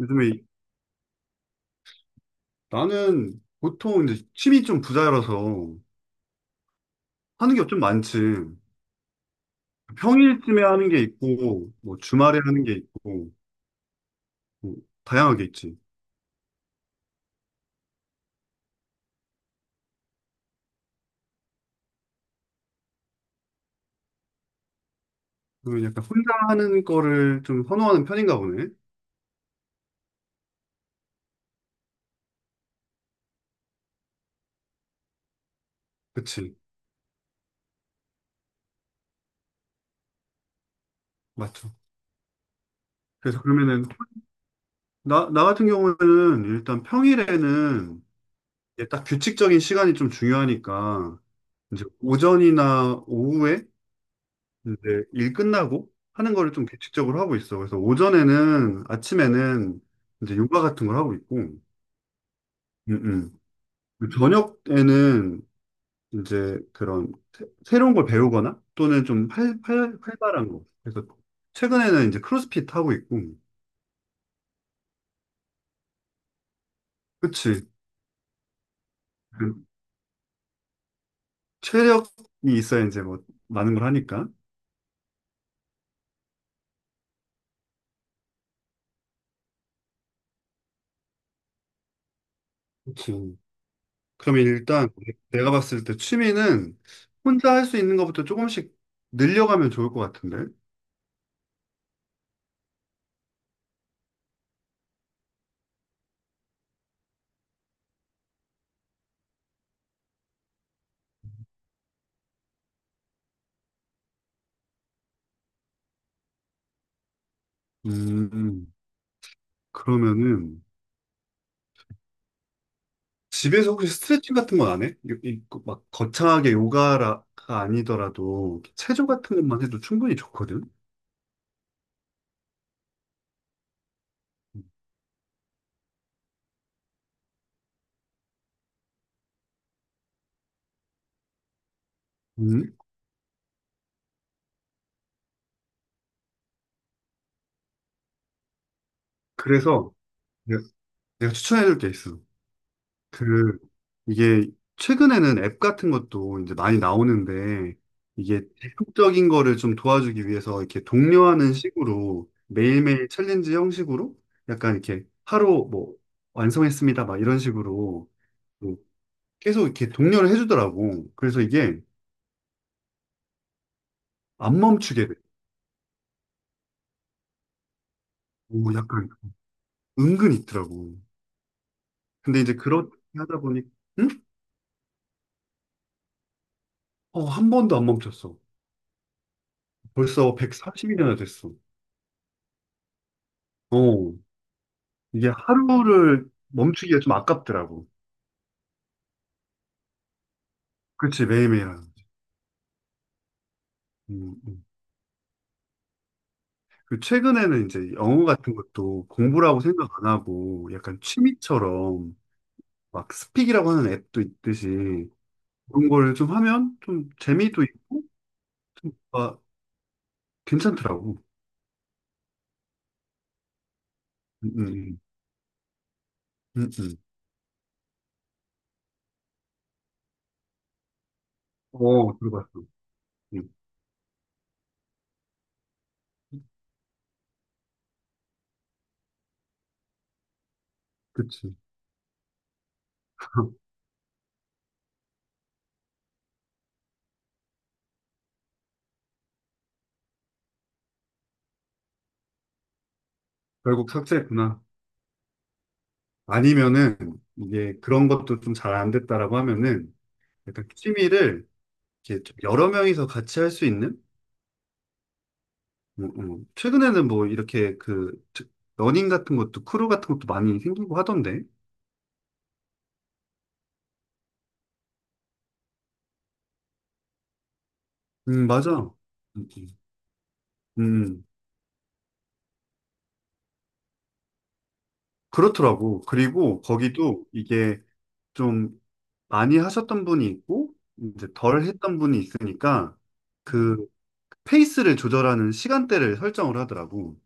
요즘에 나는 보통 이제 취미 좀 부자라서 하는 게 좀 많지. 평일쯤에 하는 게 있고, 뭐 주말에 하는 게 있고, 뭐 다양하게 있지. 그리고 약간 혼자 하는 거를 좀 선호하는 편인가 보네. 그치. 맞죠. 그래서 그러면은, 나 같은 경우에는 일단 평일에는 이게 딱 규칙적인 시간이 좀 중요하니까, 이제 오전이나 오후에 이제 일 끝나고 하는 거를 좀 규칙적으로 하고 있어. 그래서 오전에는, 아침에는 이제 요가 같은 걸 하고 있고, 음. 저녁에는 이제 그런 새로운 걸 배우거나 또는 좀 활발한 거. 그래서 최근에는 이제 크로스핏 하고 있고, 그치. 그 체력이 있어야 이제 뭐 많은 걸 하니까. 그치. 그러면 일단 내가 봤을 때 취미는 혼자 할 수 있는 것부터 조금씩 늘려가면 좋을 것 같은데. 음. 그러면은 집에서 혹시 스트레칭 같은 건 안 해? 그 막 거창하게 요가가 아니더라도 체조 같은 것만 해도 충분히 좋거든. 음. 그래서 내가, 내가 추천해줄 게 있어. 그 이게 최근에는 앱 같은 것도 이제 많이 나오는데 이게 대폭적인 거를 좀 도와주기 위해서 이렇게 독려하는 식으로 매일매일 챌린지 형식으로 약간 이렇게 하루 뭐 완성했습니다 막 이런 식으로 계속 이렇게 독려를 해주더라고. 그래서 이게 안 멈추게 돼. 오, 약간 은근 있더라고. 근데 이제 그렇게 하다 보니, 응? 어, 한 번도 안 멈췄어. 벌써 140일이나 됐어. 어, 이게 하루를 멈추기가 좀 아깝더라고. 그치, 매일매일. 하는 거지. 음, 음. 그 최근에는 이제 영어 같은 것도 공부라고 생각 안 하고 약간 취미처럼 막 스픽이라고 하는 앱도 있듯이 그런 걸 좀 하면 좀 재미도 있고 좀 뭔가 괜찮더라고. 음, 음, 음. 음, 음. 어, 들어봤어. 음, 그치. 결국 삭제했구나. 아니면은, 이게 그런 것도 좀 잘 안 됐다라고 하면은, 약간 취미를 이렇게 좀 여러 명이서 같이 할 수 있는? 최근에는 뭐 이렇게 그, 러닝 같은 것도, 크루 같은 것도 많이 생기고 하던데. 맞아. 음, 음. 음, 그렇더라고. 그리고 거기도 이게 좀 많이 하셨던 분이 있고, 이제 덜 했던 분이 있으니까, 그, 페이스를 조절하는 시간대를 설정을 하더라고.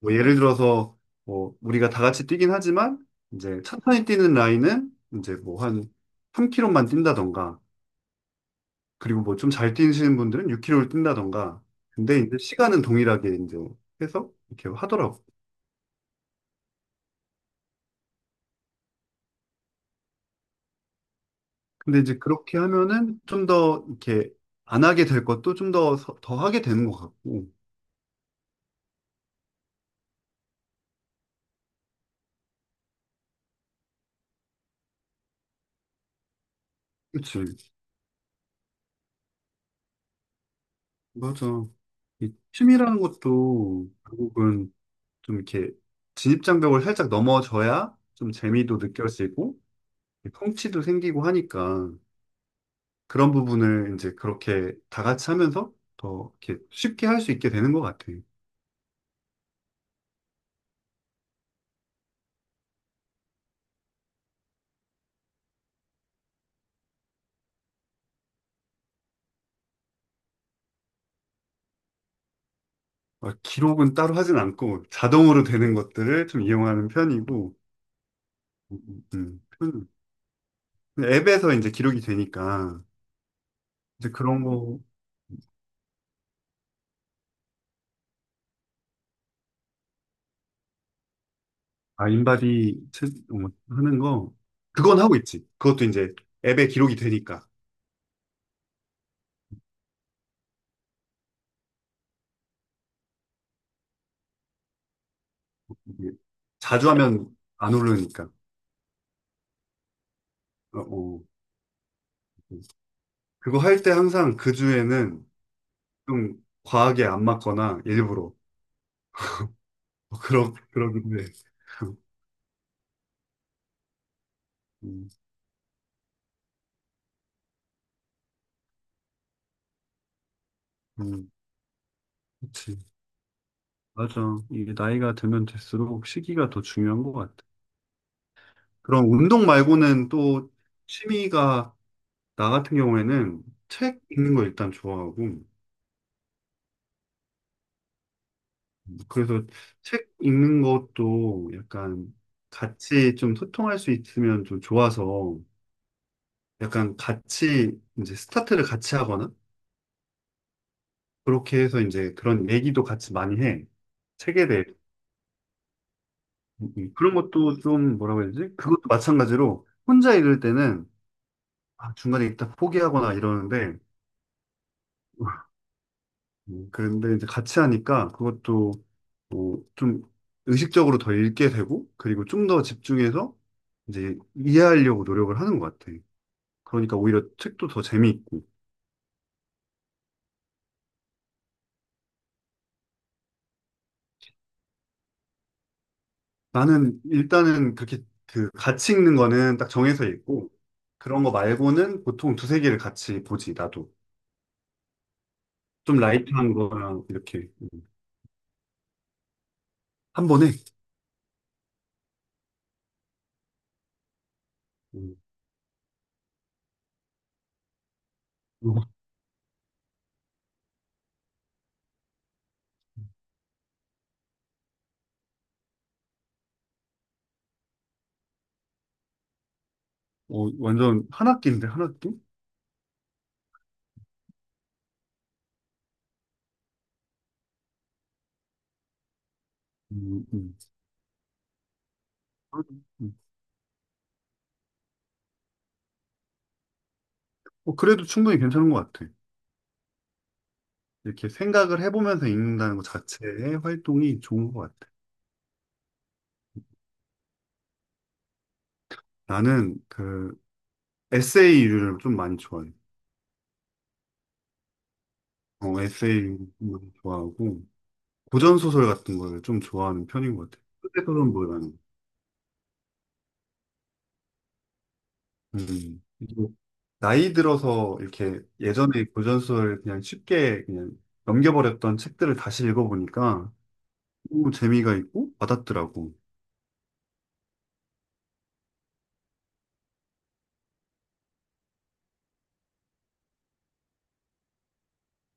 뭐 예를 들어서 뭐 우리가 다 같이 뛰긴 하지만 이제 천천히 뛰는 라인은 이제 뭐 한 3km만 뛴다던가 그리고 뭐 좀 잘 뛰시는 분들은 6km를 뛴다던가 근데 이제 시간은 동일하게 이제 해서 이렇게 하더라고. 근데 이제 그렇게 하면은 좀 더 이렇게 안 하게 될 것도 좀 더 하게 되는 것 같고. 그치. 맞아. 이 춤이라는 것도 결국은 좀 이렇게 진입장벽을 살짝 넘어져야 좀 재미도 느껴지고 성취도 생기고 하니까 그런 부분을 이제 그렇게 다 같이 하면서 더 이렇게 쉽게 할 수 있게 되는 것 같아요. 막 기록은 따로 하진 않고 자동으로 되는 것들을 좀 이용하는 편이고 음, 음, 편- 앱에서 이제 기록이 되니까 이제 그런 거 아, 인바디 하는 거 그건 하고 있지. 그것도 이제 앱에 기록이 되니까 이게 자주 하면 안 오르니까. 어, 어. 그거 할 때 항상 그 주에는 좀 과하게 안 맞거나 일부러 어, 그러긴 해. 음, 음, 그치. 맞아. 이게 나이가 들면 들수록 시기가 더 중요한 것 같아. 그럼 운동 말고는 또 취미가 나 같은 경우에는 책 읽는 거 일단 좋아하고 그래서 책 읽는 것도 약간 같이 좀 소통할 수 있으면 좀 좋아서 약간 같이 이제 스타트를 같이 하거나 그렇게 해서 이제 그런 얘기도 같이 많이 해. 책에 대해. 그런 것도 좀 뭐라고 해야 되지? 그것도 마찬가지로 혼자 읽을 때는 아, 중간에 일단 포기하거나 이러는데 그런데 이제 같이 하니까 그것도 뭐 좀 의식적으로 더 읽게 되고 그리고 좀 더 집중해서 이제 이해하려고 노력을 하는 것 같아. 그러니까 오히려 책도 더 재미있고 나는 일단은 그렇게 그 같이 읽는 거는 딱 정해서 읽고 그런 거 말고는 보통 두세 개를 같이 보지 나도. 좀 라이트한 거랑 이렇게 한 번에 음, 어, 어, 완전 한 학기인데 한 학기? 음, 음. 음. 어, 그래도 충분히 괜찮은 것 같아. 이렇게 생각을 해보면서 읽는다는 것 자체의 활동이 좋은 것 같아. 나는 그 에세이류를 좀 많이 좋아해. 어, 에세이 좋아하고 고전 소설 같은 걸 좀 좋아하는 편인 것 같아. 그때 그런 뭐라는. 음. 나이 들어서 이렇게 예전에 고전 소설 그냥 쉽게 그냥 넘겨버렸던 책들을 다시 읽어보니까 너무 재미가 있고 와닿더라고.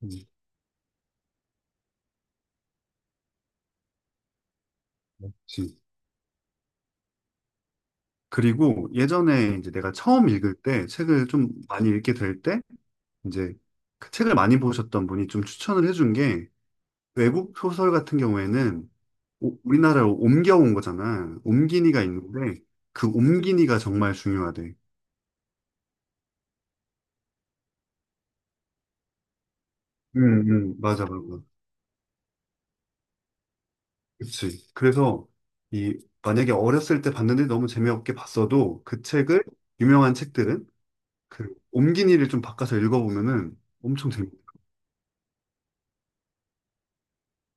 음, 그치. 그리고 예전에 이제 내가 처음 읽을 때 책을 좀 많이 읽게 될 때 이제 그 책을 많이 보셨던 분이 좀 추천을 해준 게 외국 소설 같은 경우에는 우리나라로 옮겨온 거잖아. 옮기니가 있는데 그 옮기니가 정말 중요하대. 응, 응, 맞아, 맞아. 그치. 그래서 이 만약에 어렸을 때 봤는데 너무 재미없게 봤어도 그 책을 유명한 책들은 그 옮긴이를 좀 바꿔서 읽어보면은 엄청 재밌.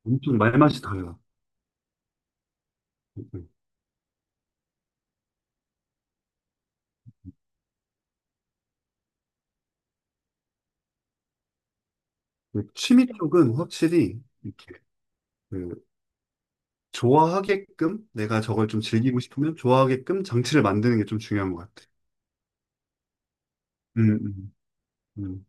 엄청 말맛이 달라. 음. 음. 그 취미 쪽은 확실히 이렇게 그 좋아하게끔 내가 저걸 좀 즐기고 싶으면 좋아하게끔 장치를 만드는 게 좀 중요한 것 같아. 음, 음, 음.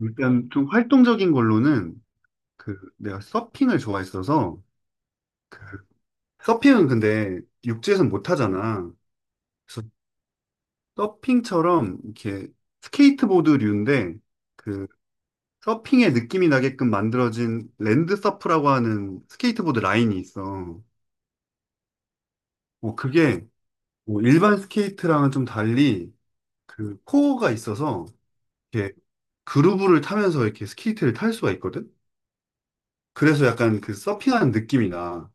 일단 좀 활동적인 걸로는 그 내가 서핑을 좋아했어서 그 서핑은 근데 육지에서는 못 하잖아. 그래서 서핑처럼 이렇게 스케이트보드류인데 그 서핑의 느낌이 나게끔 만들어진 랜드 서프라고 하는 스케이트보드 라인이 있어. 뭐 그게 뭐 일반 스케이트랑은 좀 달리 그 코어가 있어서 이렇게 그루브를 타면서 이렇게 스케이트를 탈 수가 있거든. 그래서 약간 그 서핑하는 느낌이 나.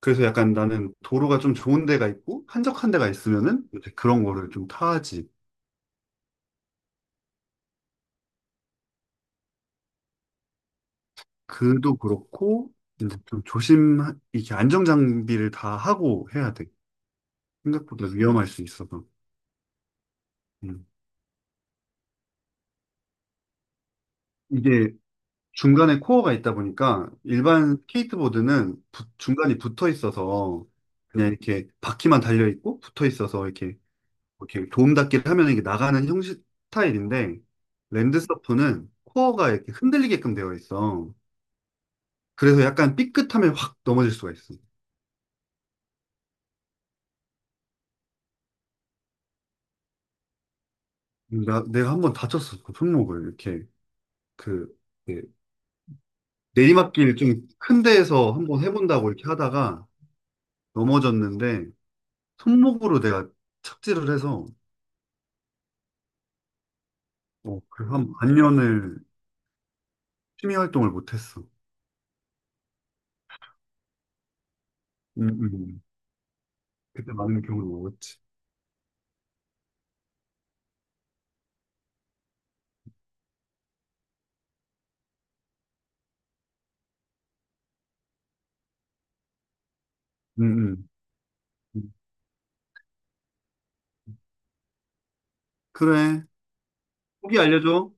그래서 약간 나는 도로가 좀 좋은 데가 있고 한적한 데가 있으면은 이제 그런 거를 좀 타지. 그도 그렇고 이제 좀 조심 이렇게 안정 장비를 다 하고 해야 돼. 생각보다 위험할 수 있어서. 음. 이게 중간에 코어가 있다 보니까 일반 스케이트보드는 중간이 붙어 있어서 그냥 이렇게 바퀴만 달려 있고 붙어 있어서 이렇게 도움닫기를 하면 이게 나가는 형식 스타일인데 랜드서프는 코어가 이렇게 흔들리게끔 되어 있어. 그래서 약간 삐끗하면 확 넘어질 수가 있어. 내가 한 번 다쳤어. 그 손목을 이렇게 그 예. 내리막길 좀 큰 데에서 한번 해본다고 이렇게 하다가 넘어졌는데 손목으로 내가 착지를 해서 어, 그한 반년을 취미 활동을 못했어. 음, 음. 그때 많은 경험을 먹었지. 음, 음. 음. 그래. 후기 알려줘.